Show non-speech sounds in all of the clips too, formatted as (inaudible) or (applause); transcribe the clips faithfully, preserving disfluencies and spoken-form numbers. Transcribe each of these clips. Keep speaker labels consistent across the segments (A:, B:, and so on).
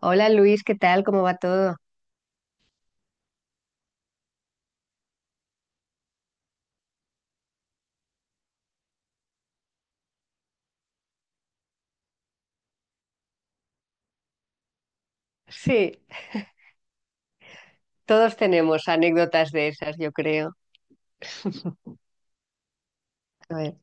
A: Hola Luis, ¿qué tal? ¿Cómo va todo? Sí, todos tenemos anécdotas de esas, yo creo. A ver.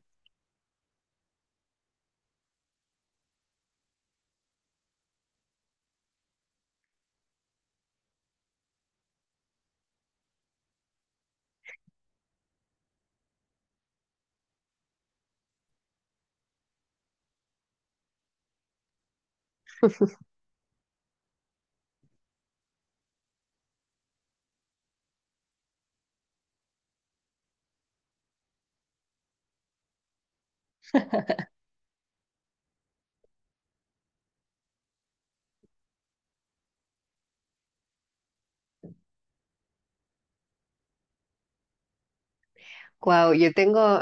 A: Guau, yo tengo,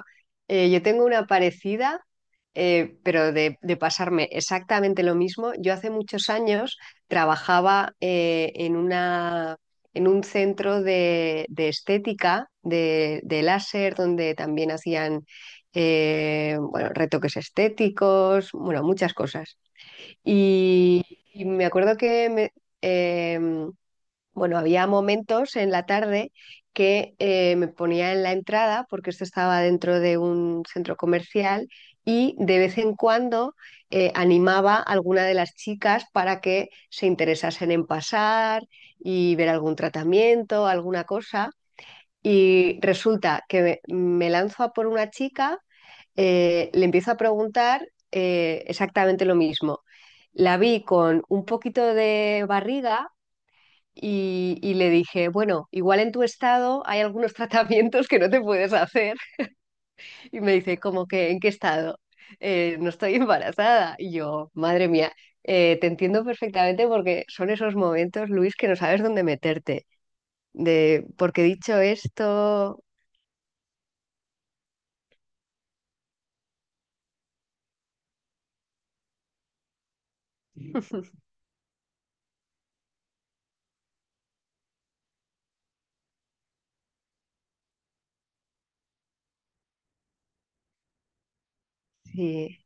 A: eh, yo tengo una parecida, eh, pero de, de pasarme exactamente lo mismo. Yo hace muchos años trabajaba eh, en una, en un centro de, de estética, de, de láser, donde también hacían eh, bueno, retoques estéticos, bueno, muchas cosas. Y, y me acuerdo que, me- em, bueno, había momentos en la tarde que eh, me ponía en la entrada, porque esto estaba dentro de un centro comercial, y de vez en cuando eh, animaba a alguna de las chicas para que se interesasen en pasar y ver algún tratamiento, alguna cosa. Y resulta que me me lanzo a por una chica, eh, le empiezo a preguntar eh, exactamente lo mismo. La vi con un poquito de barriga y, y le dije, bueno, igual en tu estado hay algunos (laughs) tratamientos que no te puedes hacer. Y me dice, ¿cómo que en qué estado? Eh, no estoy embarazada. Y yo, madre mía, eh, te entiendo perfectamente porque son esos momentos, Luis, que no sabes dónde meterte. De, porque dicho esto, sí.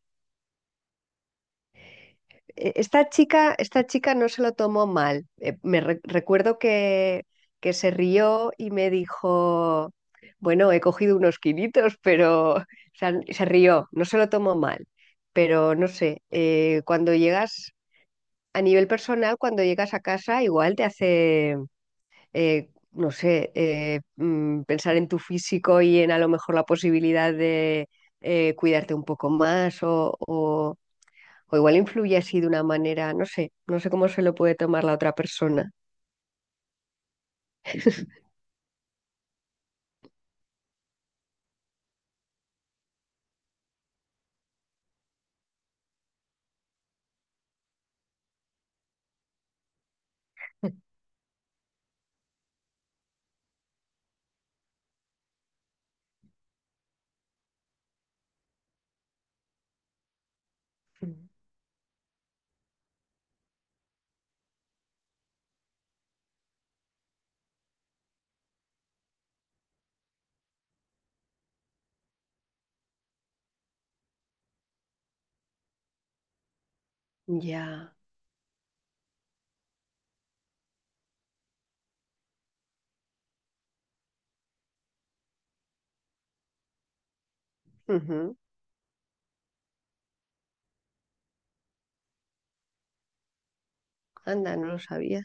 A: e- Esta chica, esta chica no se lo tomó mal. Eh, me re- recuerdo que, que se rió y me dijo, bueno, he cogido unos kilitos, pero o sea, se rió, no se lo tomó mal. Pero no sé, eh, cuando llegas a nivel personal, cuando llegas a casa, igual te hace, eh, no sé, eh, mm, pensar en tu físico y en a lo mejor la posibilidad de eh, cuidarte un poco más o, o- o igual influye así de una manera, no sé, no sé cómo se lo puede tomar la otra persona. (laughs) Ya. Ujú. Anda, no lo sabía.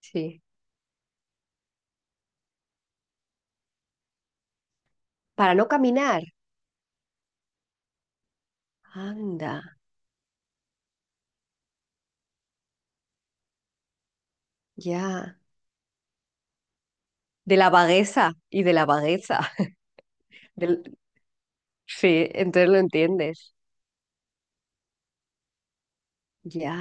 A: Sí. Para no caminar. Anda, ya. De la vagueza y de la vagueza. (laughs) Del- Sí, entonces lo entiendes. Ya.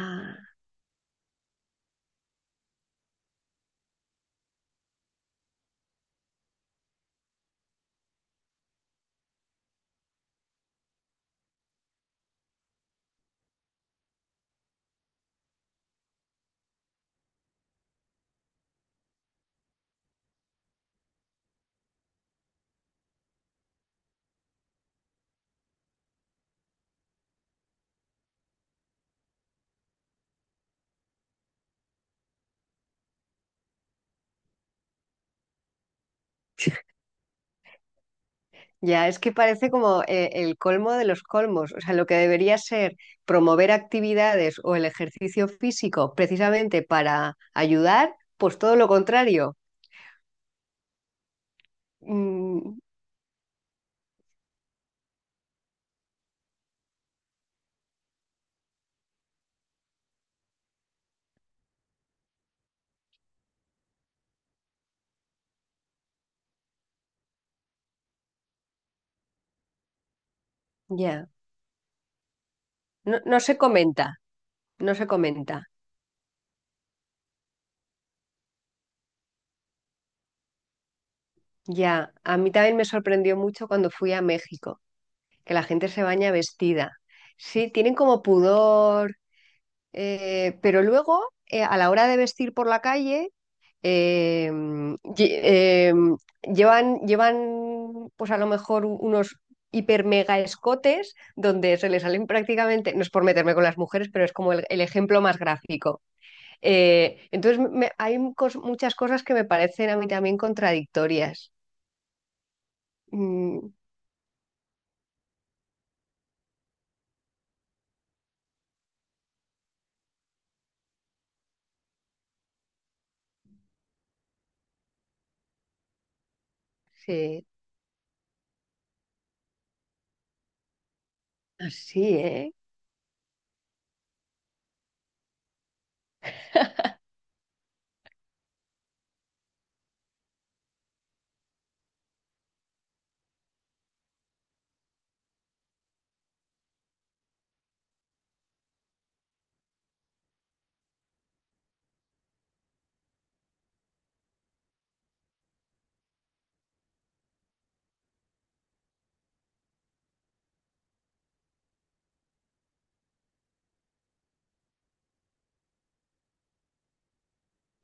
A: (laughs) Ya, es que parece como eh, el colmo de los colmos. O sea, lo que debería ser promover actividades o el ejercicio físico precisamente para ayudar, pues todo lo contrario. Mm, ya, no, no se comenta, no se comenta. Ya, a mí también me sorprendió mucho cuando fui a México, que la gente se baña vestida. Sí, tienen como pudor, eh, pero luego eh, a la hora de vestir por la calle, eh, lle- eh, llevan, llevan, pues a lo mejor u- unos hiper mega escotes donde se les salen prácticamente, no es por meterme con las mujeres, pero es como el el ejemplo más gráfico. Eh, entonces, me- hay cos- muchas cosas que me parecen a mí también contradictorias. Mm, sí, así, ¿eh?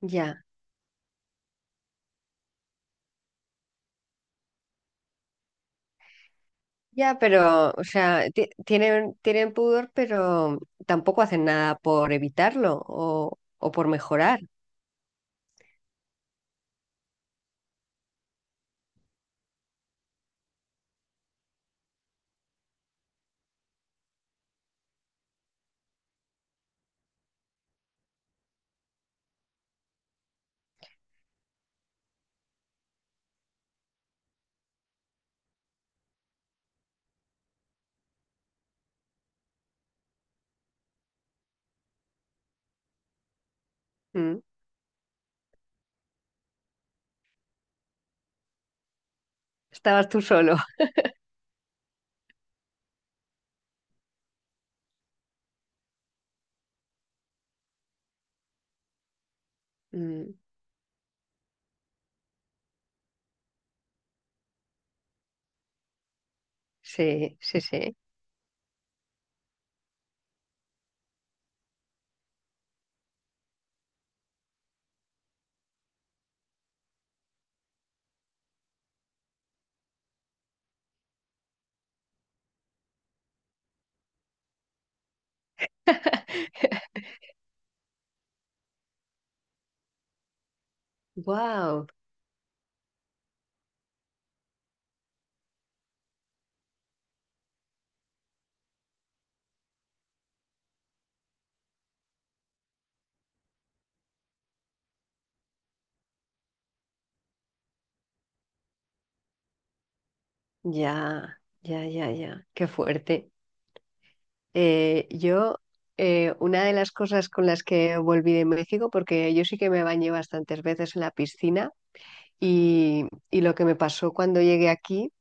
A: Ya, ya, pero, o sea, ti- tienen, tienen pudor, pero tampoco hacen nada por evitarlo o, o por mejorar. Mm, estabas tú solo. (laughs) Mm, sí, sí, sí. (laughs) Wow, ya, ya, ya, ya. Qué fuerte. Eh, yo, eh, una de las cosas con las que volví de México, porque yo sí que me bañé bastantes veces en la piscina y, y lo que me pasó cuando llegué aquí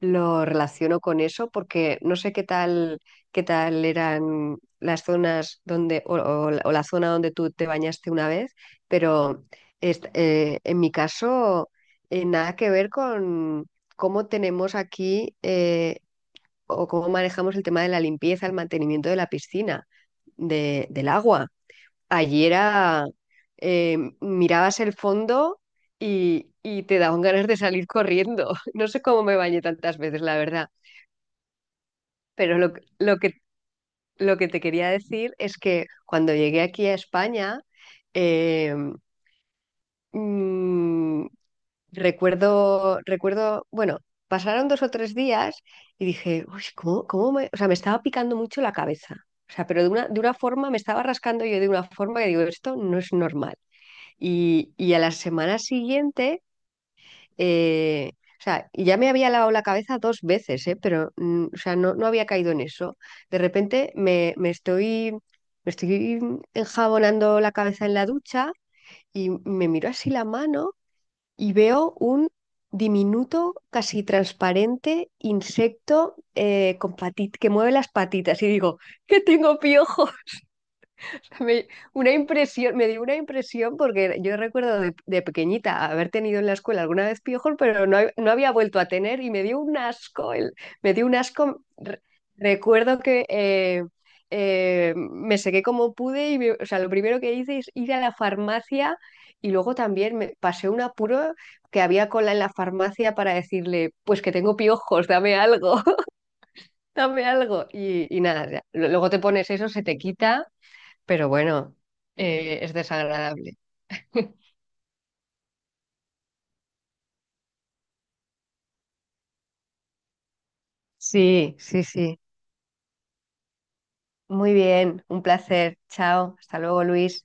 A: lo relaciono con eso, porque no sé qué tal, qué tal eran las zonas donde, o, o la o la zona donde tú te bañaste una vez, pero est- eh, en mi caso, eh, nada que ver con cómo tenemos aquí. Eh, o cómo manejamos el tema de la limpieza, el mantenimiento de la piscina, de- del agua. Allí era, eh, mirabas el fondo y, y te daban ganas de salir corriendo. (laughs) No sé cómo me bañé tantas veces, la verdad, pero lo, que- lo que, lo que te quería decir es que cuando llegué aquí a España, eh, mm, recuerdo, recuerdo, bueno, pasaron dos o tres días y dije, uy, ¿cómo, cómo me...? O sea, me estaba picando mucho la cabeza. O sea, pero de una, de una forma, me estaba rascando yo de una forma que digo, esto no es normal. Y, y a la semana siguiente, eh, o sea, y ya me había lavado la cabeza dos veces, eh, pero, mm, o sea, no, no había caído en eso. De repente me, me estoy, me estoy enjabonando la cabeza en la ducha y me miro así la mano y veo un diminuto, casi transparente insecto eh, con pati- que mueve las patitas y digo, que tengo piojo. Me, una impresión, Me dio una impresión porque yo recuerdo de, de pequeñita haber tenido en la escuela alguna vez piojos, pero no, hab- no había vuelto a tener y me dio un asco, el- me dio un asco. Re- recuerdo que eh, eh, me sequé como pude y me- o sea, lo primero que hice es ir a la farmacia y luego también me pasé un apuro que había cola en la farmacia para decirle, pues que tengo piojos, dame algo, (laughs) dame algo. Y, y nada, ya. Luego te pones eso, se te quita, pero bueno, eh, es desagradable. (laughs) Sí, sí, sí. Muy bien, un placer. Chao, hasta luego, Luis.